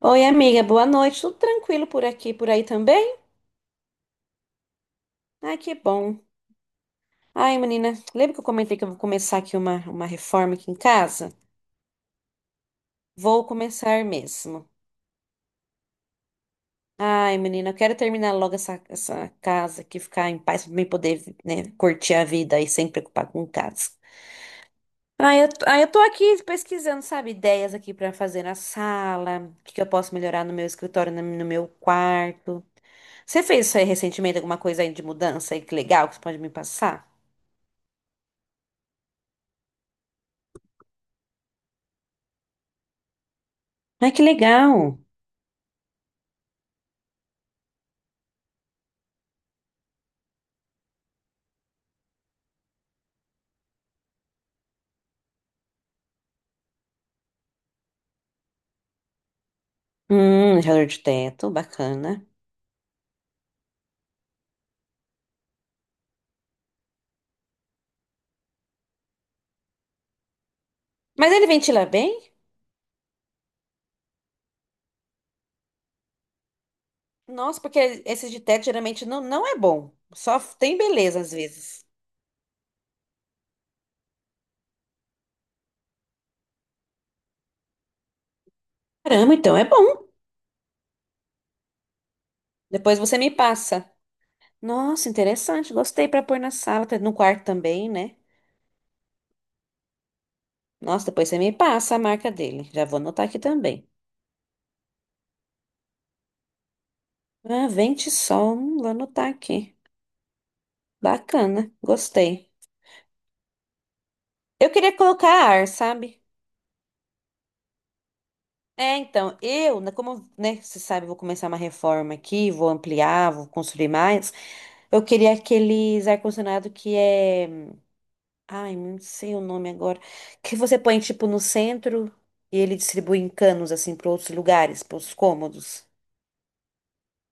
Oi, amiga, boa noite. Tudo tranquilo por aqui, por aí também? Ai, que bom. Ai, menina, lembra que eu comentei que eu vou começar aqui uma reforma aqui em casa? Vou começar mesmo. Ai, menina, eu quero terminar logo essa casa aqui, ficar em paz, pra mim poder, né, curtir a vida e sem preocupar com casa. Ai, eu tô aqui pesquisando, sabe, ideias aqui pra fazer na sala, o que que eu posso melhorar no meu escritório, no meu quarto. Você fez isso aí recentemente, alguma coisa aí de mudança aí que legal que você pode me passar? Ai, que legal. Gelador de teto, bacana. Mas ele ventila bem? Nossa, porque esse de teto geralmente não é bom. Só tem beleza às vezes. Caramba, então é bom. Depois você me passa. Nossa, interessante. Gostei para pôr na sala, no quarto também, né? Nossa, depois você me passa a marca dele. Já vou anotar aqui também. Ah, vente sol, vou anotar aqui. Bacana, gostei. Eu queria colocar ar, sabe? É, então, eu, né, como, né, você sabe, eu vou começar uma reforma aqui, vou ampliar, vou construir mais. Eu queria aqueles ar-condicionado que é. Ai, não sei o nome agora. Que você põe, tipo, no centro e ele distribui em canos, assim, para outros lugares, para os cômodos.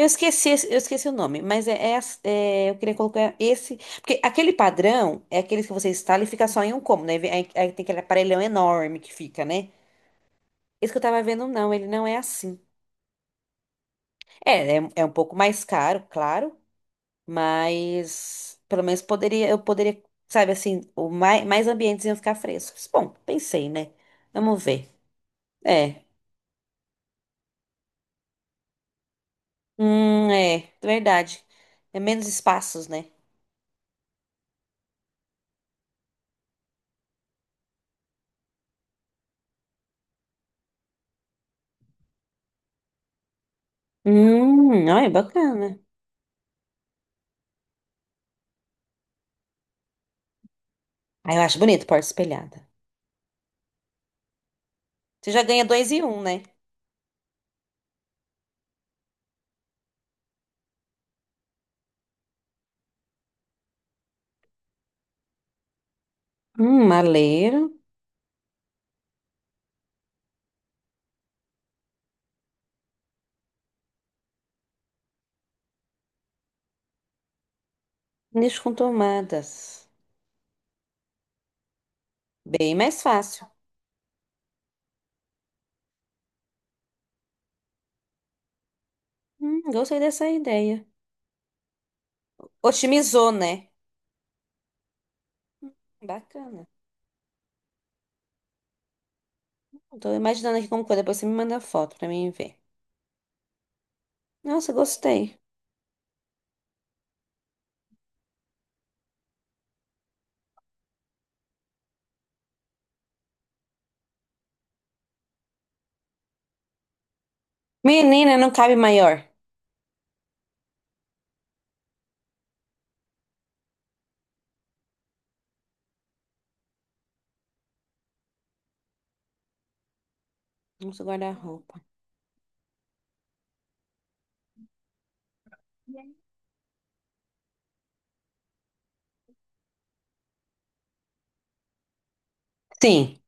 Eu esqueci, eu esqueci o nome, mas é, eu queria colocar esse. Porque aquele padrão é aqueles que você instala e fica só em um cômodo, né? Aí, aí tem aquele aparelhão enorme que fica, né? Esse que eu tava vendo, não, ele não é assim. É um pouco mais caro, claro, mas pelo menos poderia, eu poderia, sabe assim, o mais, mais ambientes iam ficar frescos. Bom, pensei, né? Vamos ver. É. É, verdade. É menos espaços, né? Olha, bacana. Ah, eu acho bonito porta espelhada. Você já ganha dois e um, né? Maleiro, nicho com tomadas. Bem mais fácil. Gostei dessa ideia. Otimizou, né? Hum, bacana. Tô imaginando aqui como coisa, depois você me manda foto pra mim ver. Nossa, gostei. Menina, não cabe maior. Nossa, guarda-roupa. Sim,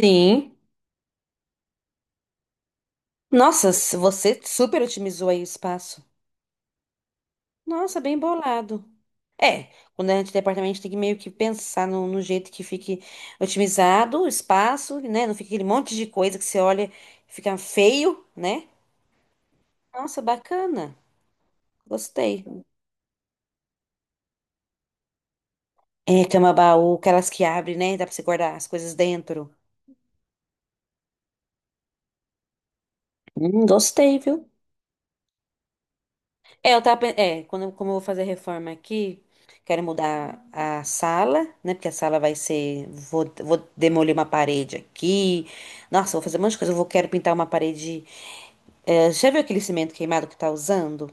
sim. Nossa, se você super otimizou aí o espaço. Nossa, bem bolado. É, quando a gente tem apartamento, a gente tem que meio que pensar no jeito que fique otimizado o espaço, né? Não fica aquele monte de coisa que você olha e fica feio, né? Nossa, bacana. Gostei. É, cama baú, aquelas que abre, né? Dá pra você guardar as coisas dentro. Gostei, viu? É, eu tava, quando, como eu vou fazer a reforma aqui, quero mudar a sala, né? Porque a sala vai ser, vou demolir uma parede aqui. Nossa, vou fazer um monte de coisa. Quero pintar uma parede. É, já viu aquele cimento queimado que tá usando?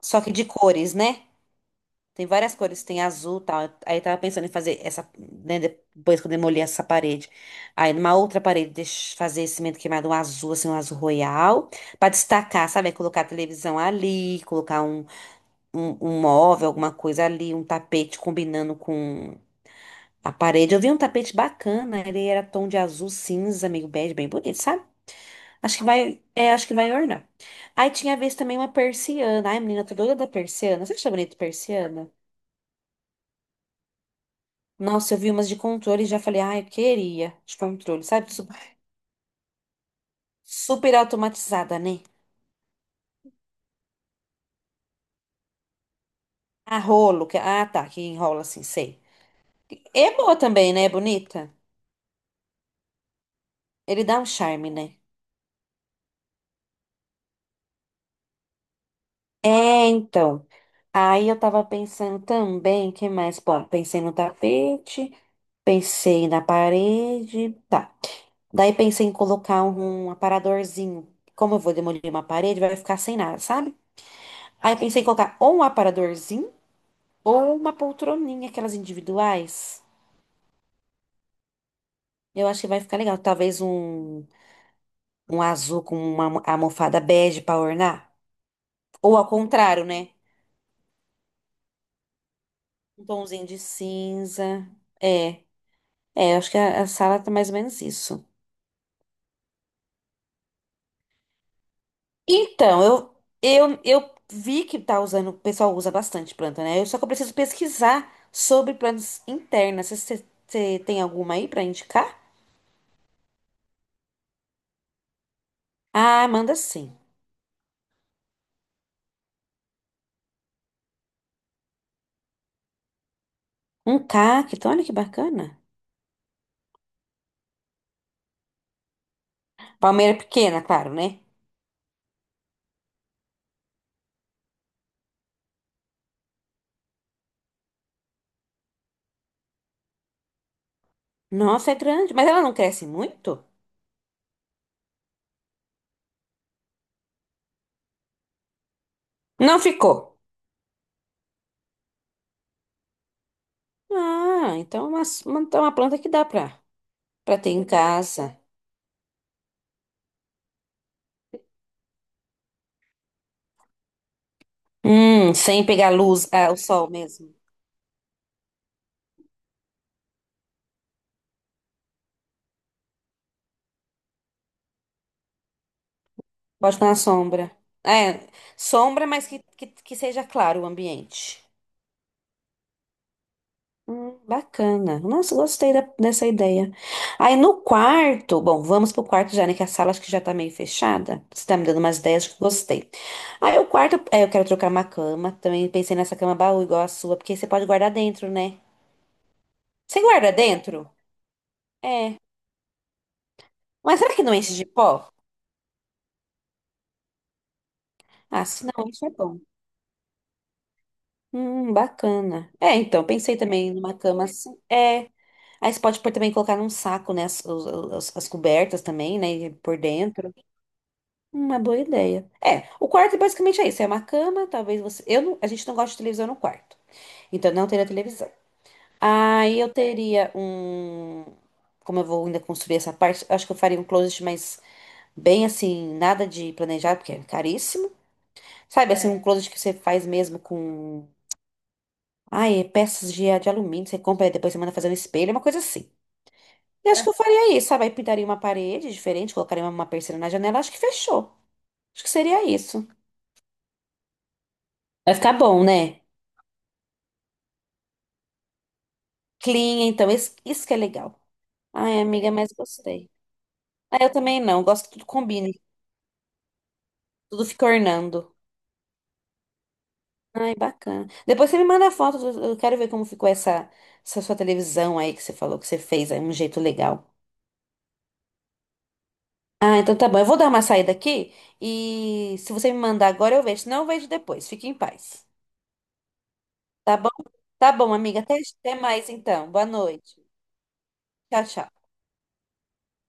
Só que de cores, né? Tem várias cores, tem azul, e tal. Aí eu tava pensando em fazer essa, né, depois que eu demolir essa parede. Aí numa outra parede, fazer esse cimento queimado um azul, assim, um azul royal, pra destacar, sabe? Aí colocar a televisão ali, colocar um móvel, alguma coisa ali, um tapete combinando com a parede. Eu vi um tapete bacana, ele era tom de azul cinza, meio bege, bem bonito, sabe? Acho que vai, é, acho que vai ornar. Aí tinha vez também uma persiana. Ai, menina, eu tô doida da persiana. Você acha bonito persiana? Nossa, eu vi umas de controle e já falei, ai, eu queria de controle, sabe? Super automatizada, né? Ah, rolo, que, ah, tá, que enrola assim, sei. É boa também, né? É bonita. Ele dá um charme, né? É, então. Aí eu tava pensando também, que mais? Bom, pensei no tapete, pensei na parede, tá. Daí pensei em colocar um aparadorzinho. Como eu vou demolir uma parede, vai ficar sem nada, sabe? Aí pensei em colocar ou um aparadorzinho ou uma poltroninha, aquelas individuais. Eu acho que vai ficar legal. Talvez um, um azul com uma almofada bege pra ornar. Ou ao contrário, né? Um tomzinho de cinza. É, é, eu acho que a sala tá mais ou menos isso. Então, eu vi que tá usando, o pessoal usa bastante planta, né? Eu só que eu preciso pesquisar sobre plantas internas. Você tem alguma aí pra indicar? Ah, manda sim. Um cacto, olha que bacana. Palmeira pequena, claro, né? Nossa, é grande, mas ela não cresce muito? Não ficou. Ah, então é uma planta que dá pra, pra ter em casa. Sem pegar luz, ah, o sol mesmo. Bota na sombra. É, sombra, mas que seja claro o ambiente. Bacana. Nossa, gostei dessa ideia. Aí no quarto, bom, vamos pro quarto já, né? Que a sala acho que já tá meio fechada. Você tá me dando umas ideias que eu gostei. Aí o quarto, é, eu quero trocar uma cama. Também pensei nessa cama baú igual a sua, porque você pode guardar dentro, né? Você guarda dentro? É. Mas será que não enche de pó? Ah, se não, isso é bom. Bacana. É, então, pensei também numa cama assim. É. Aí você pode pôr também colocar num saco, né? As, as cobertas também, né? E por dentro. Uma boa ideia. É, o quarto basicamente é isso. É uma cama, talvez você. Eu não, a gente não gosta de televisão no quarto. Então não teria televisão. Aí eu teria um. Como eu vou ainda construir essa parte, acho que eu faria um closet, mas bem assim, nada de planejado, porque é caríssimo. Sabe, assim, um é. Closet que você faz mesmo com. Ai, peças de alumínio, você compra e depois você manda fazer um espelho, é uma coisa assim. Eu acho que eu faria isso, sabe? Aí pintaria uma parede diferente, colocaria uma persiana na janela, acho que fechou. Acho que seria isso. Vai ficar bom, né? Clean, então, isso que é legal. Ai, amiga, mas gostei. Ah, eu também não, gosto que tudo combine, tudo fica ornando. Ai, bacana. Depois você me manda foto, eu quero ver como ficou essa sua televisão aí que você falou que você fez, aí um jeito legal. Ah, então tá bom, eu vou dar uma saída aqui e se você me mandar agora eu vejo, se não eu vejo depois. Fique em paz. Tá bom? Tá bom, amiga. Até, até mais então. Boa noite. Tchau, tchau.